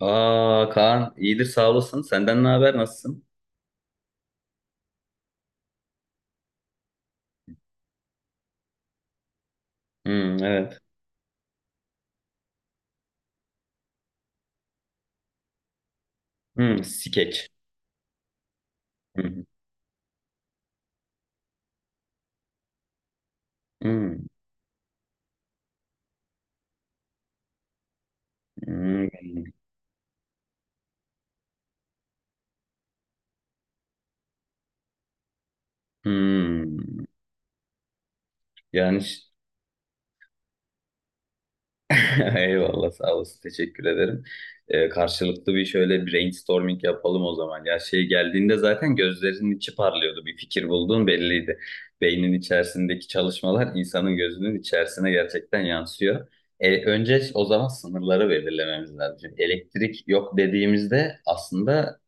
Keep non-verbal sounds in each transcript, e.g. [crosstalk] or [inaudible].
Aa Kaan iyidir sağ olasın. Senden ne haber? Nasılsın? Hmm, evet. Skeç. Hmm, hmm, hmm, hmm. Yani [laughs] eyvallah sağ olasın. Teşekkür ederim. Karşılıklı bir şöyle brainstorming yapalım o zaman. Ya şey geldiğinde zaten gözlerinin içi parlıyordu. Bir fikir bulduğun belliydi. Beynin içerisindeki çalışmalar insanın gözünün içerisine gerçekten yansıyor. Önce o zaman sınırları belirlememiz lazım. Elektrik yok dediğimizde aslında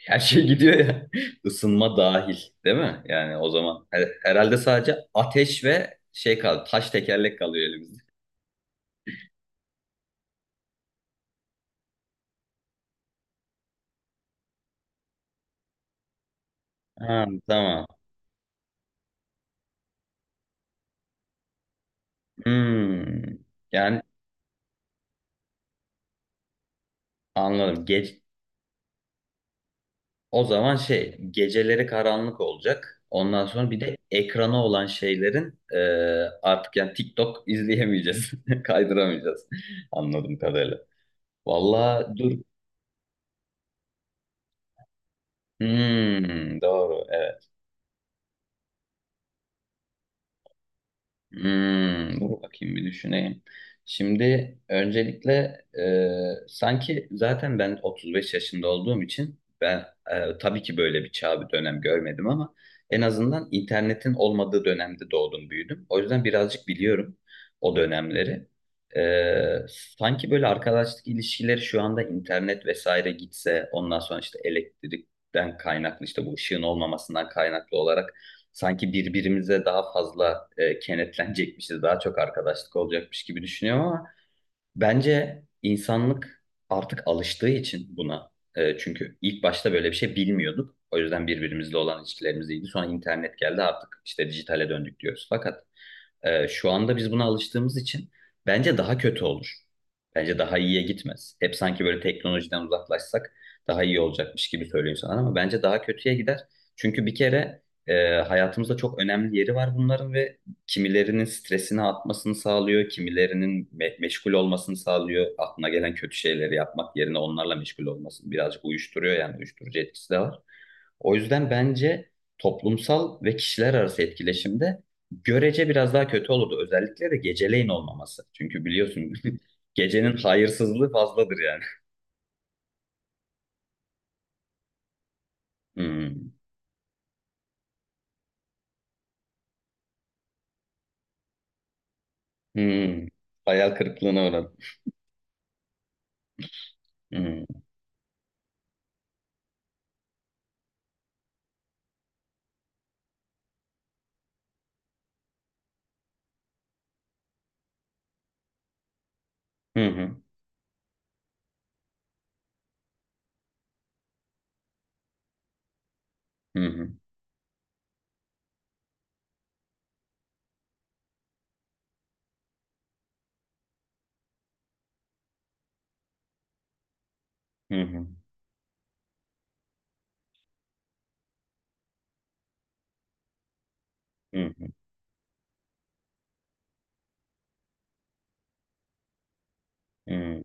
her şey gidiyor ya. [laughs] Isınma dahil, değil mi? Yani o zaman herhalde sadece ateş ve şey kaldı. Taş tekerlek kalıyor elimizde. Ha, tamam. Hmm. Yani anladım. O zaman şey geceleri karanlık olacak. Ondan sonra bir de ekrana olan şeylerin artık yani TikTok izleyemeyeceğiz. [laughs] Kaydıramayacağız. Anladım kadarıyla. Vallahi dur. Doğru. Evet. Dur bakayım bir düşüneyim. Şimdi öncelikle sanki zaten ben 35 yaşında olduğum için ben tabii ki böyle bir çağ bir dönem görmedim ama en azından internetin olmadığı dönemde doğdum büyüdüm. O yüzden birazcık biliyorum o dönemleri. E, sanki böyle arkadaşlık ilişkileri şu anda internet vesaire gitse ondan sonra işte elektrikten kaynaklı işte bu ışığın olmamasından kaynaklı olarak sanki birbirimize daha fazla kenetlenecekmişiz, daha çok arkadaşlık olacakmış gibi düşünüyorum ama bence insanlık artık alıştığı için buna. Çünkü ilk başta böyle bir şey bilmiyorduk. O yüzden birbirimizle olan ilişkilerimiz iyiydi. Sonra internet geldi artık işte dijitale döndük diyoruz. Fakat şu anda biz buna alıştığımız için bence daha kötü olur. Bence daha iyiye gitmez. Hep sanki böyle teknolojiden uzaklaşsak daha iyi olacakmış gibi söylüyor sana ama bence daha kötüye gider. Çünkü bir kere hayatımızda çok önemli yeri var bunların ve kimilerinin stresini atmasını sağlıyor, kimilerinin meşgul olmasını sağlıyor. Aklına gelen kötü şeyleri yapmak yerine onlarla meşgul olmasını birazcık uyuşturuyor yani uyuşturucu etkisi de var. O yüzden bence toplumsal ve kişiler arası etkileşimde görece biraz daha kötü olurdu. Özellikle de geceleyin olmaması. Çünkü biliyorsun [laughs] gecenin hayırsızlığı fazladır yani. Hmm. Hmm. Hayal kırıklığına uğradım. Hmm. Hı hı. Hı hı. Hı hı. Hı hı. Hı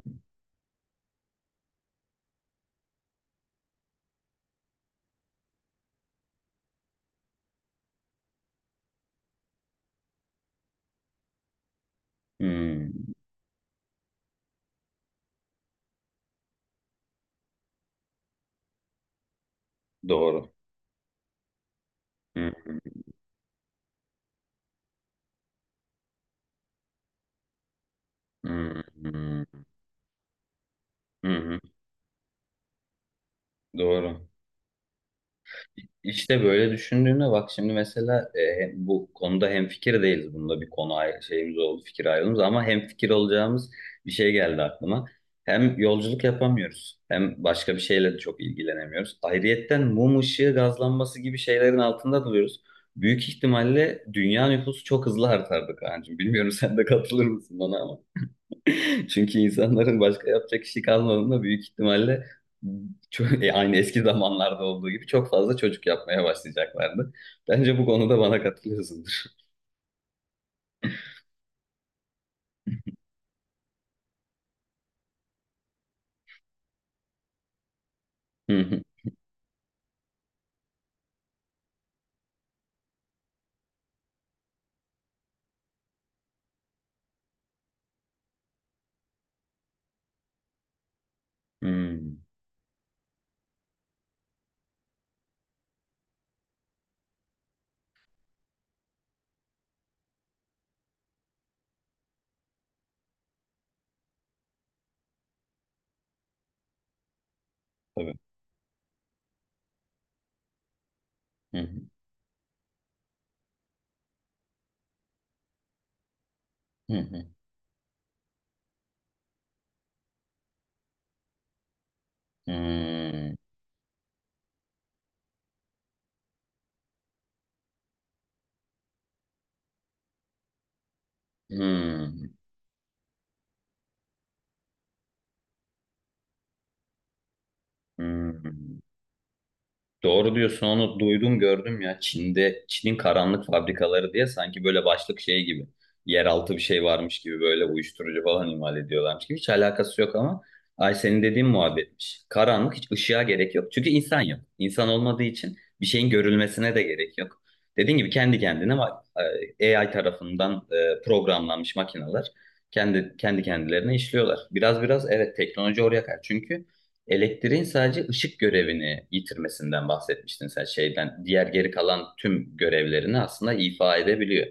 hı. Hı. Doğru. Hı hı, hı hı, hı hı. Doğru. İşte böyle düşündüğümde bak şimdi mesela bu konuda hemfikir değiliz. Bunda bir konu ayrı, şeyimiz oldu, fikir ayrılığımız ama hemfikir olacağımız bir şey geldi aklıma. Hem yolculuk yapamıyoruz hem başka bir şeyle de çok ilgilenemiyoruz. Ayrıyetten mum ışığı gazlanması gibi şeylerin altında duruyoruz. Büyük ihtimalle dünya nüfusu çok hızlı artardı kancım. Bilmiyorum [laughs] sen de katılır mısın bana ama. Çünkü insanların başka yapacak işi kalmadığında büyük ihtimalle çok, aynı eski zamanlarda olduğu gibi çok fazla çocuk yapmaya başlayacaklardı. Bence bu konuda bana katılıyorsundur. [laughs] Hı hı. Hmm. Tabii. Hı hı. Hı hı. Hmm. Hmm. Hmm. Doğru diyorsun onu duydum gördüm ya Çin'de Çin'in karanlık fabrikaları diye sanki böyle başlık şey gibi yeraltı bir şey varmış gibi böyle uyuşturucu falan imal ediyorlarmış gibi hiç alakası yok ama ay senin dediğin muhabbetmiş. Karanlık hiç ışığa gerek yok çünkü insan yok. İnsan olmadığı için bir şeyin görülmesine de gerek yok. Dediğin gibi kendi kendine AI tarafından programlanmış makineler kendi kendilerine işliyorlar. Biraz biraz evet teknoloji oraya kadar çünkü elektriğin sadece ışık görevini yitirmesinden bahsetmiştin sen şeyden. Diğer geri kalan tüm görevlerini aslında ifa edebiliyor.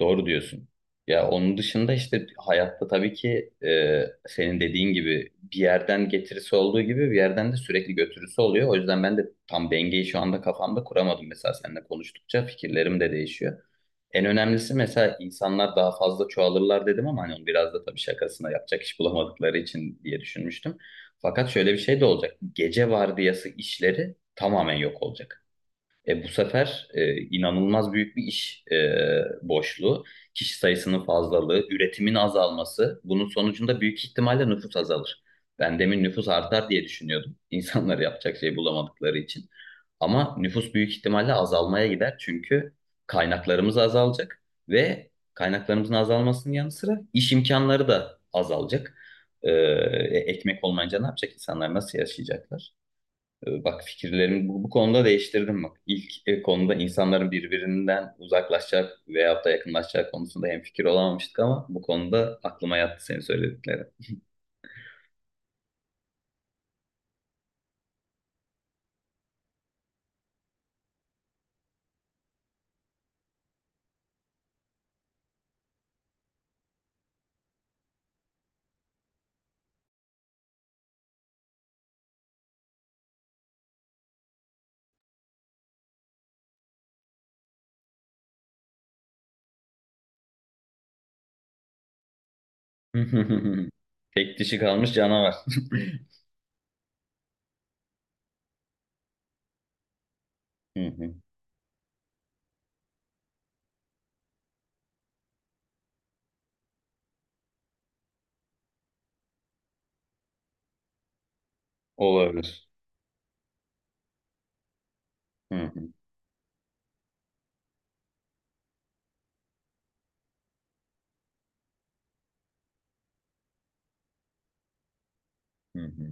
Doğru diyorsun. Ya onun dışında işte hayatta tabii ki senin dediğin gibi bir yerden getirisi olduğu gibi bir yerden de sürekli götürüsü oluyor. O yüzden ben de tam dengeyi şu anda kafamda kuramadım. Mesela seninle konuştukça fikirlerim de değişiyor. En önemlisi mesela insanlar daha fazla çoğalırlar dedim ama hani onu biraz da tabii şakasına yapacak iş bulamadıkları için diye düşünmüştüm. Fakat şöyle bir şey de olacak. Gece vardiyası işleri tamamen yok olacak. Bu sefer inanılmaz büyük bir iş boşluğu, kişi sayısının fazlalığı, üretimin azalması. Bunun sonucunda büyük ihtimalle nüfus azalır. Ben demin nüfus artar diye düşünüyordum. [laughs] İnsanlar yapacak şey bulamadıkları için. Ama nüfus büyük ihtimalle azalmaya gider çünkü kaynaklarımız azalacak ve kaynaklarımızın azalmasının yanı sıra iş imkanları da azalacak. Ekmek olmayınca ne yapacak insanlar, nasıl yaşayacaklar? Bak fikirlerimi bu konuda değiştirdim bak. İlk konuda insanların birbirinden uzaklaşacak veyahut da yakınlaşacak konusunda hemfikir olamamıştık ama bu konuda aklıma yattı senin söylediklerin. [laughs] Tek dişi kalmış canavar. [laughs] Hı hı. Olabilir. Hı hı. Hı hı.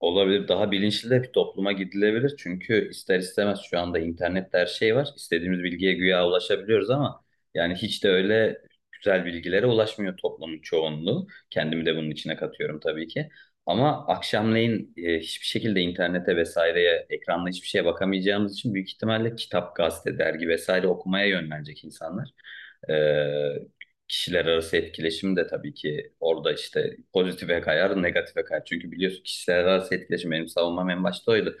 Olabilir. Daha bilinçli de bir topluma gidilebilir. Çünkü ister istemez şu anda internette her şey var. İstediğimiz bilgiye güya ulaşabiliyoruz ama yani hiç de öyle güzel bilgilere ulaşmıyor toplumun çoğunluğu. Kendimi de bunun içine katıyorum tabii ki. Ama akşamleyin hiçbir şekilde internete vesaireye, ekranla hiçbir şeye bakamayacağımız için büyük ihtimalle kitap, gazete, dergi vesaire okumaya yönlenecek insanlar. Ee, kişiler arası etkileşim de tabii ki orada işte pozitife kayar, negatife kayar. Çünkü biliyorsun kişiler arası etkileşim benim savunmam en başta oydu.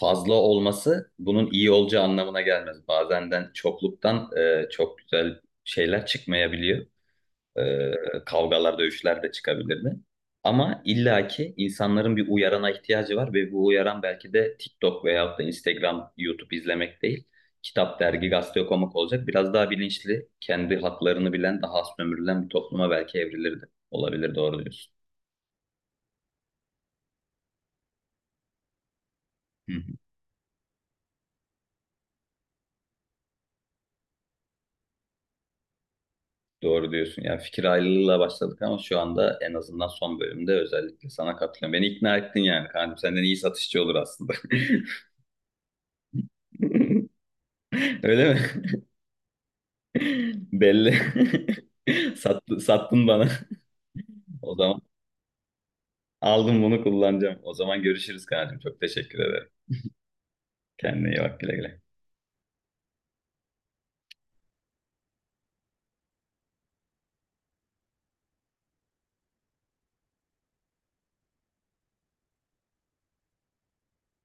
Fazla olması bunun iyi olacağı anlamına gelmez. Bazenden çokluktan çok güzel şeyler çıkmayabiliyor. Ee, kavgalar, dövüşler de çıkabilirdi. Ama illaki insanların bir uyarana ihtiyacı var ve bu uyaran belki de TikTok veyahut da Instagram, YouTube izlemek değil. Kitap, dergi, gazete okumak olacak. Biraz daha bilinçli, kendi haklarını bilen, daha az sömürülen bir topluma belki evrilirdi. Olabilir, doğru diyorsun. Hı hı. Doğru diyorsun. Yani fikir ayrılığıyla başladık ama şu anda en azından son bölümde özellikle sana katılıyorum. Beni ikna ettin yani. Kanka senden iyi satışçı olur aslında. [laughs] Öyle mi? [laughs] Belli. [laughs] Sattın bana. O zaman aldım bunu kullanacağım. O zaman görüşürüz kancım. Çok teşekkür ederim. Kendine iyi bak güle güle.